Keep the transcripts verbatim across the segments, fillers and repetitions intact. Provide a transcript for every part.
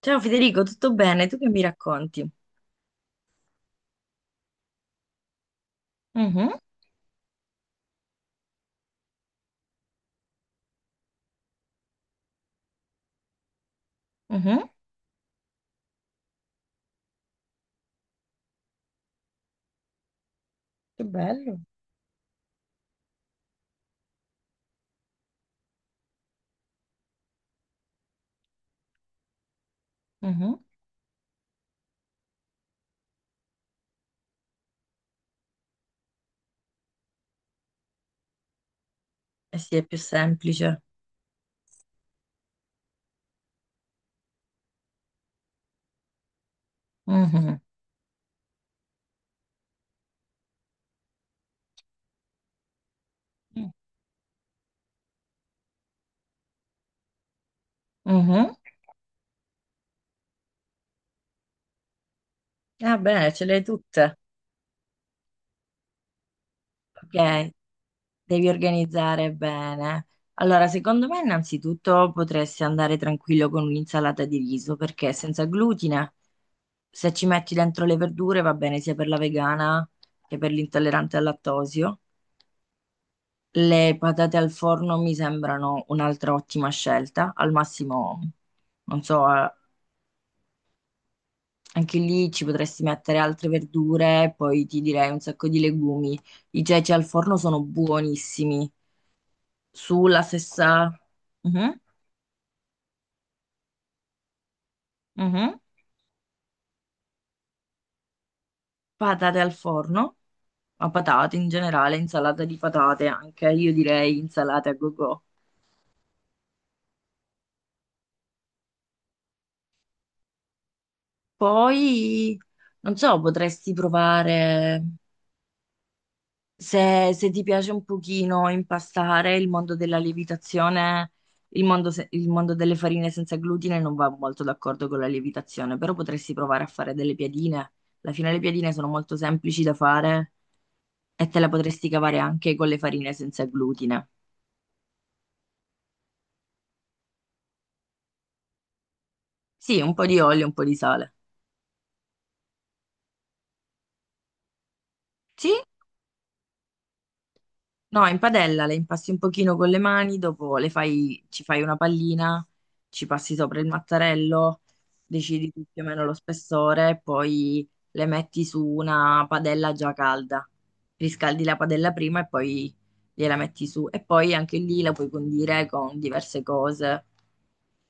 Ciao Federico, tutto bene? Tu che mi racconti? Mhm, mhm, che bello. Mhm. Eh sì, è più semplice. Mhm, mm. Mhm. Ah, bene, ce le hai tutte. Ok, devi organizzare bene. Allora, secondo me innanzitutto potresti andare tranquillo con un'insalata di riso perché è senza glutine. Se ci metti dentro le verdure va bene sia per la vegana che per l'intollerante al lattosio. Le patate al forno mi sembrano un'altra ottima scelta. Al massimo, non so, eh, anche lì ci potresti mettere altre verdure, poi ti direi un sacco di legumi. I ceci al forno sono buonissimi. Sulla stessa... Mhm, mhm. Patate al forno, ma patate in generale, insalata di patate anche, io direi insalata a go-go. Poi, non so, potresti provare. Se, se ti piace un pochino impastare il mondo della lievitazione, il mondo, se- il mondo delle farine senza glutine non va molto d'accordo con la lievitazione, però potresti provare a fare delle piadine. Alla fine le piadine sono molto semplici da fare e te la potresti cavare anche con le farine senza glutine. Sì, un po' di olio, un po' di sale. Sì? No, in padella le impasti un pochino con le mani, dopo le fai, ci fai una pallina, ci passi sopra il mattarello, decidi tu più o meno lo spessore, e poi le metti su una padella già calda. Riscaldi la padella prima e poi gliela metti su. E poi anche lì la puoi condire con diverse cose.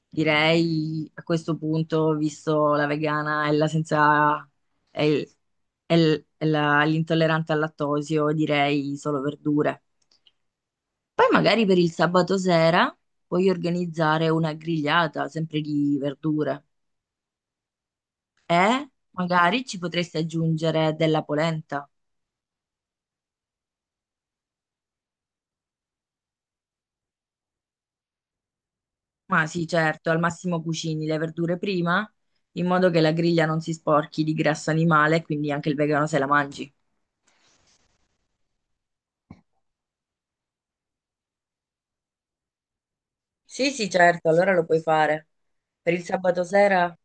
Direi a questo punto, visto la vegana e la senza... e, e l- e la- l'intollerante al lattosio, direi solo verdure. Poi magari per il sabato sera puoi organizzare una grigliata, sempre di verdure. E magari ci potresti aggiungere della polenta. Ma sì, certo, al massimo cucini le verdure prima, in modo che la griglia non si sporchi di grasso animale, quindi anche il vegano se la mangi. Sì, sì, certo, allora lo puoi fare. Per il sabato sera,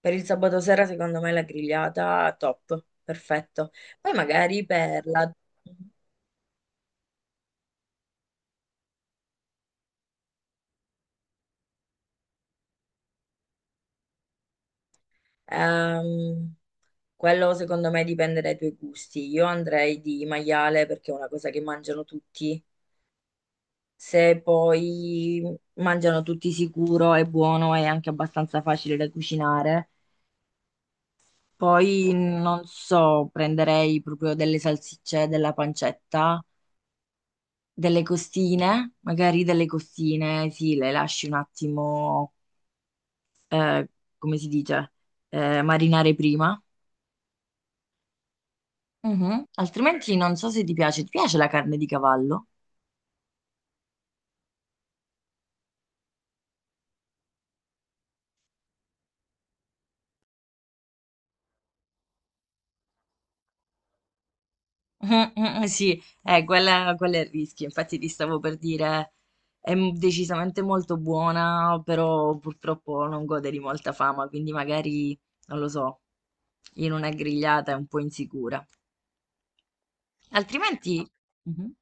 per il sabato sera secondo me la grigliata top, perfetto. Poi magari per la... Ehm, quello secondo me dipende dai tuoi gusti. Io andrei di maiale perché è una cosa che mangiano tutti. Se poi mangiano tutti sicuro, è buono e anche abbastanza facile da cucinare. Poi non so, prenderei proprio delle salsicce, della pancetta, delle costine, magari delle costine, sì, le lasci un attimo, eh, come si dice, eh, marinare prima. Mhm. Altrimenti non so se ti piace, ti piace la carne di cavallo? Mm, mm, sì, eh, quella, quella è il rischio, infatti ti stavo per dire, è m- decisamente molto buona, però purtroppo non gode di molta fama, quindi magari, non lo so, in una grigliata è un po' insicura. Altrimenti, mhm.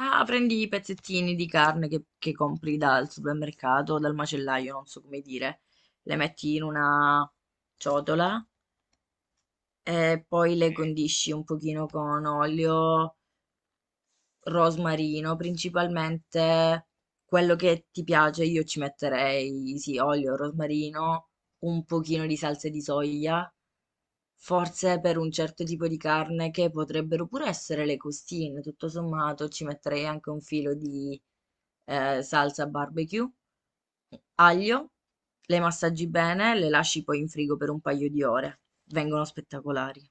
Ah, prendi i pezzettini di carne che, che compri dal supermercato o dal macellaio, non so come dire, le metti in una ciotola e poi le mm. Condisci un pochino con olio rosmarino, principalmente quello che ti piace, io ci metterei sì, olio, rosmarino, un pochino di salsa di soia, forse per un certo tipo di carne che potrebbero pure essere le costine, tutto sommato ci metterei anche un filo di eh, salsa barbecue, aglio, le massaggi bene, le lasci poi in frigo per un paio di ore, vengono spettacolari.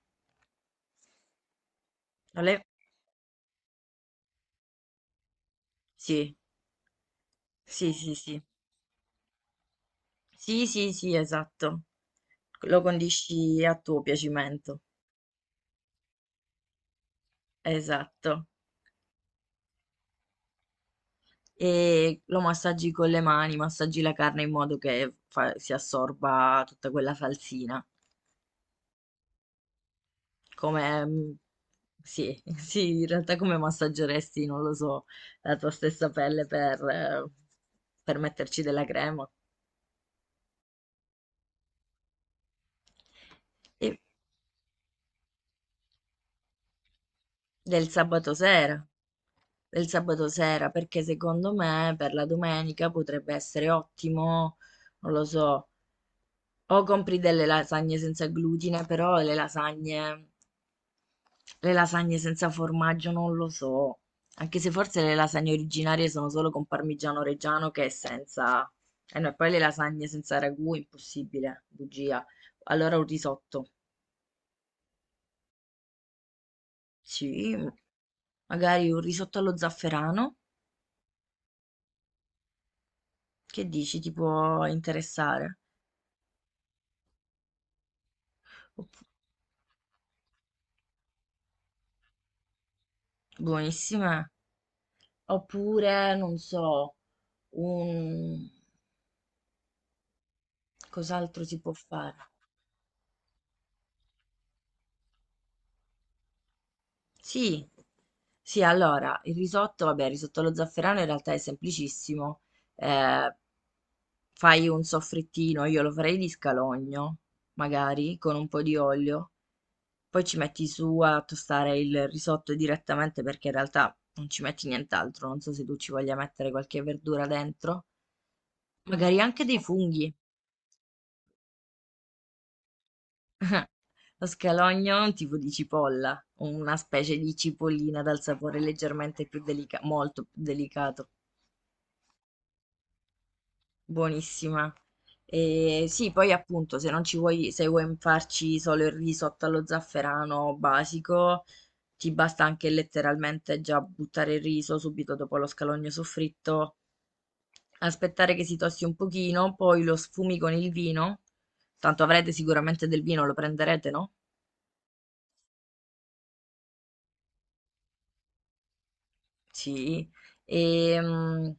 Le- sì, sì, sì, sì. Sì, sì, sì, esatto. Lo condisci a tuo piacimento, esatto. E lo massaggi con le mani, massaggi la carne in modo che fa- si assorba tutta quella falsina. Come, mm, sì, sì, in realtà come massaggeresti, non lo so, la tua stessa pelle per, eh, per metterci della crema. E del sabato sera, del sabato sera, perché secondo me per la domenica potrebbe essere ottimo, non lo so. O compri delle lasagne senza glutine, però le lasagne, le lasagne senza formaggio non lo so. Anche se forse le lasagne originarie sono solo con parmigiano reggiano che è senza... E no, e poi le lasagne senza ragù, impossibile, bugia. Allora un risotto. Sì, magari un risotto allo zafferano. Che dici, ti può interessare? Oppu- Buonissime. Oppure, non so, un... Cos'altro si può fare? Sì, sì, allora, il risotto, vabbè, il risotto allo zafferano in realtà è semplicissimo. Eh, fai un soffrittino, io lo farei di scalogno, magari, con un po' di olio. Poi ci metti su a tostare il risotto direttamente perché in realtà non ci metti nient'altro. Non so se tu ci voglia mettere qualche verdura dentro. Magari anche dei funghi. Lo scalogno è un tipo di cipolla, una specie di cipollina dal sapore leggermente più delicato, molto più delicato. Buonissima. E sì, poi appunto, se non ci vuoi, se vuoi farci solo il risotto allo zafferano basico, ti basta anche letteralmente già buttare il riso subito dopo lo scalogno soffritto, aspettare che si tosti un pochino, poi lo sfumi con il vino. Tanto avrete sicuramente del vino, lo prenderete, no? Sì, ehm,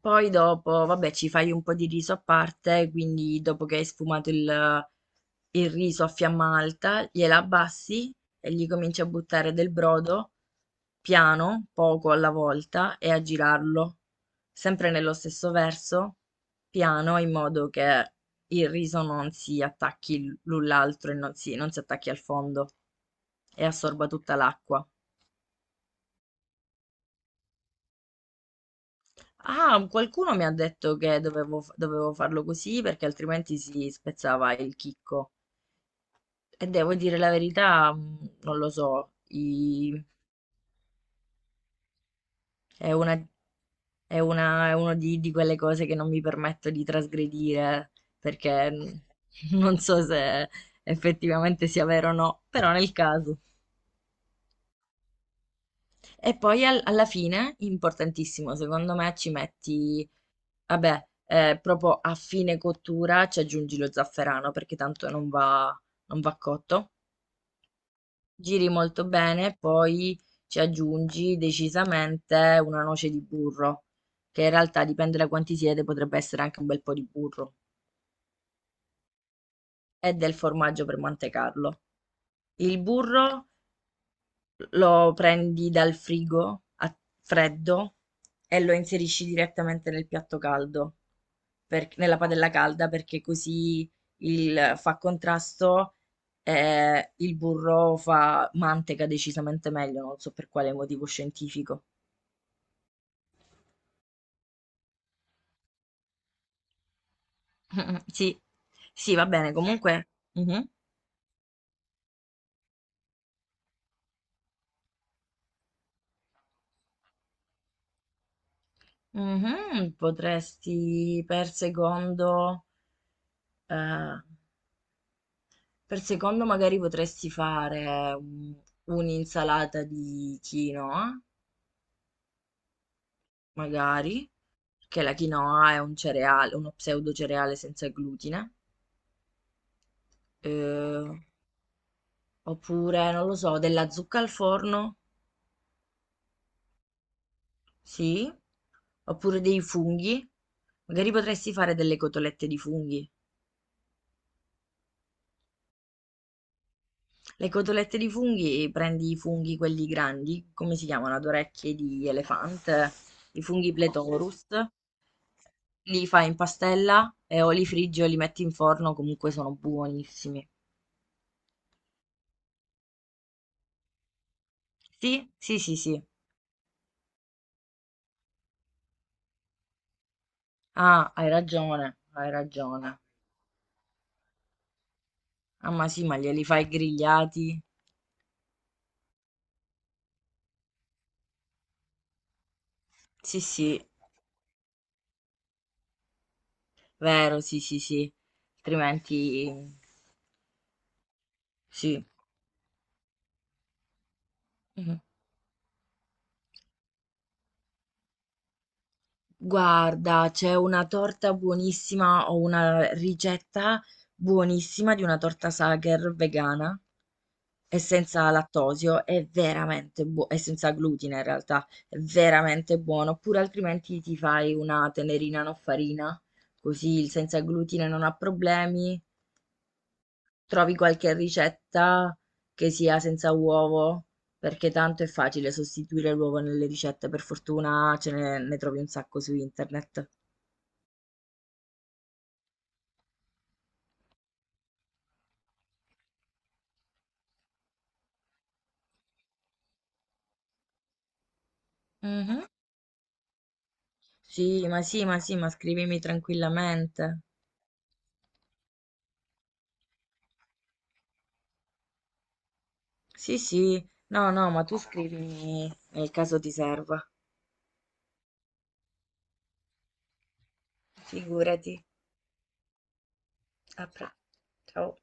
poi dopo, vabbè, ci fai un po' di riso a parte, quindi dopo che hai sfumato il, il riso a fiamma alta, gliela abbassi e gli cominci a buttare del brodo piano, poco alla volta, e a girarlo, sempre nello stesso verso, piano, in modo che il riso non si attacchi l'un l'altro e non si, non si attacchi al fondo e assorba tutta l'acqua. Ah, qualcuno mi ha detto che dovevo, f- dovevo farlo così perché altrimenti si spezzava il chicco. E devo dire la verità, mh, non lo so, i- è una, è una, è uno di, di quelle cose che non mi permetto di trasgredire perché mh, non so se effettivamente sia vero o no, però nel caso. E poi al- alla fine, importantissimo, secondo me ci metti vabbè, eh, proprio a fine cottura ci aggiungi lo zafferano perché tanto non va, non va cotto. Giri molto bene, poi ci aggiungi decisamente una noce di burro, che in realtà dipende da quanti siete, potrebbe essere anche un bel po' di burro, e del formaggio per mantecarlo. Il burro lo prendi dal frigo a freddo e lo inserisci direttamente nel piatto caldo. Per- nella padella calda perché così il- fa contrasto e il burro fa manteca decisamente meglio, non so per quale motivo scientifico. Sì, sì, va bene, comunque mhm, mhm, potresti per secondo, eh, per secondo magari potresti fare un- un'insalata di quinoa, magari, perché la quinoa è un cereale, uno pseudo cereale senza glutine. Eh, oppure non lo so della zucca al forno, sì, oppure dei funghi, magari potresti fare delle cotolette di funghi. Le cotolette di funghi, prendi i funghi quelli grandi, come si chiamano, ad orecchie di elefante, i funghi pletorus, li fai in pastella e o li friggi o li metti in forno, comunque sono buonissimi. Sì, sì, sì, sì. Ah, hai ragione, hai ragione. Ah, ma sì, ma glieli fai grigliati. Sì, sì, vero, sì, sì, sì, altrimenti sì. Mhm. Guarda, c'è una torta buonissima, o una ricetta buonissima di una torta Sacher vegana e senza lattosio, è veramente buono, e senza glutine in realtà, è veramente buono. Oppure altrimenti ti fai una tenerina no farina, così il senza glutine non ha problemi. Trovi qualche ricetta che sia senza uovo? Perché tanto è facile sostituire l'uovo nelle ricette, per fortuna ce ne, ne trovi un sacco su internet. Mhm. Sì, ma sì, ma sì, ma scrivimi tranquillamente. Sì, sì, no, no, ma tu scrivimi nel caso ti serva. Figurati. A pre- ciao.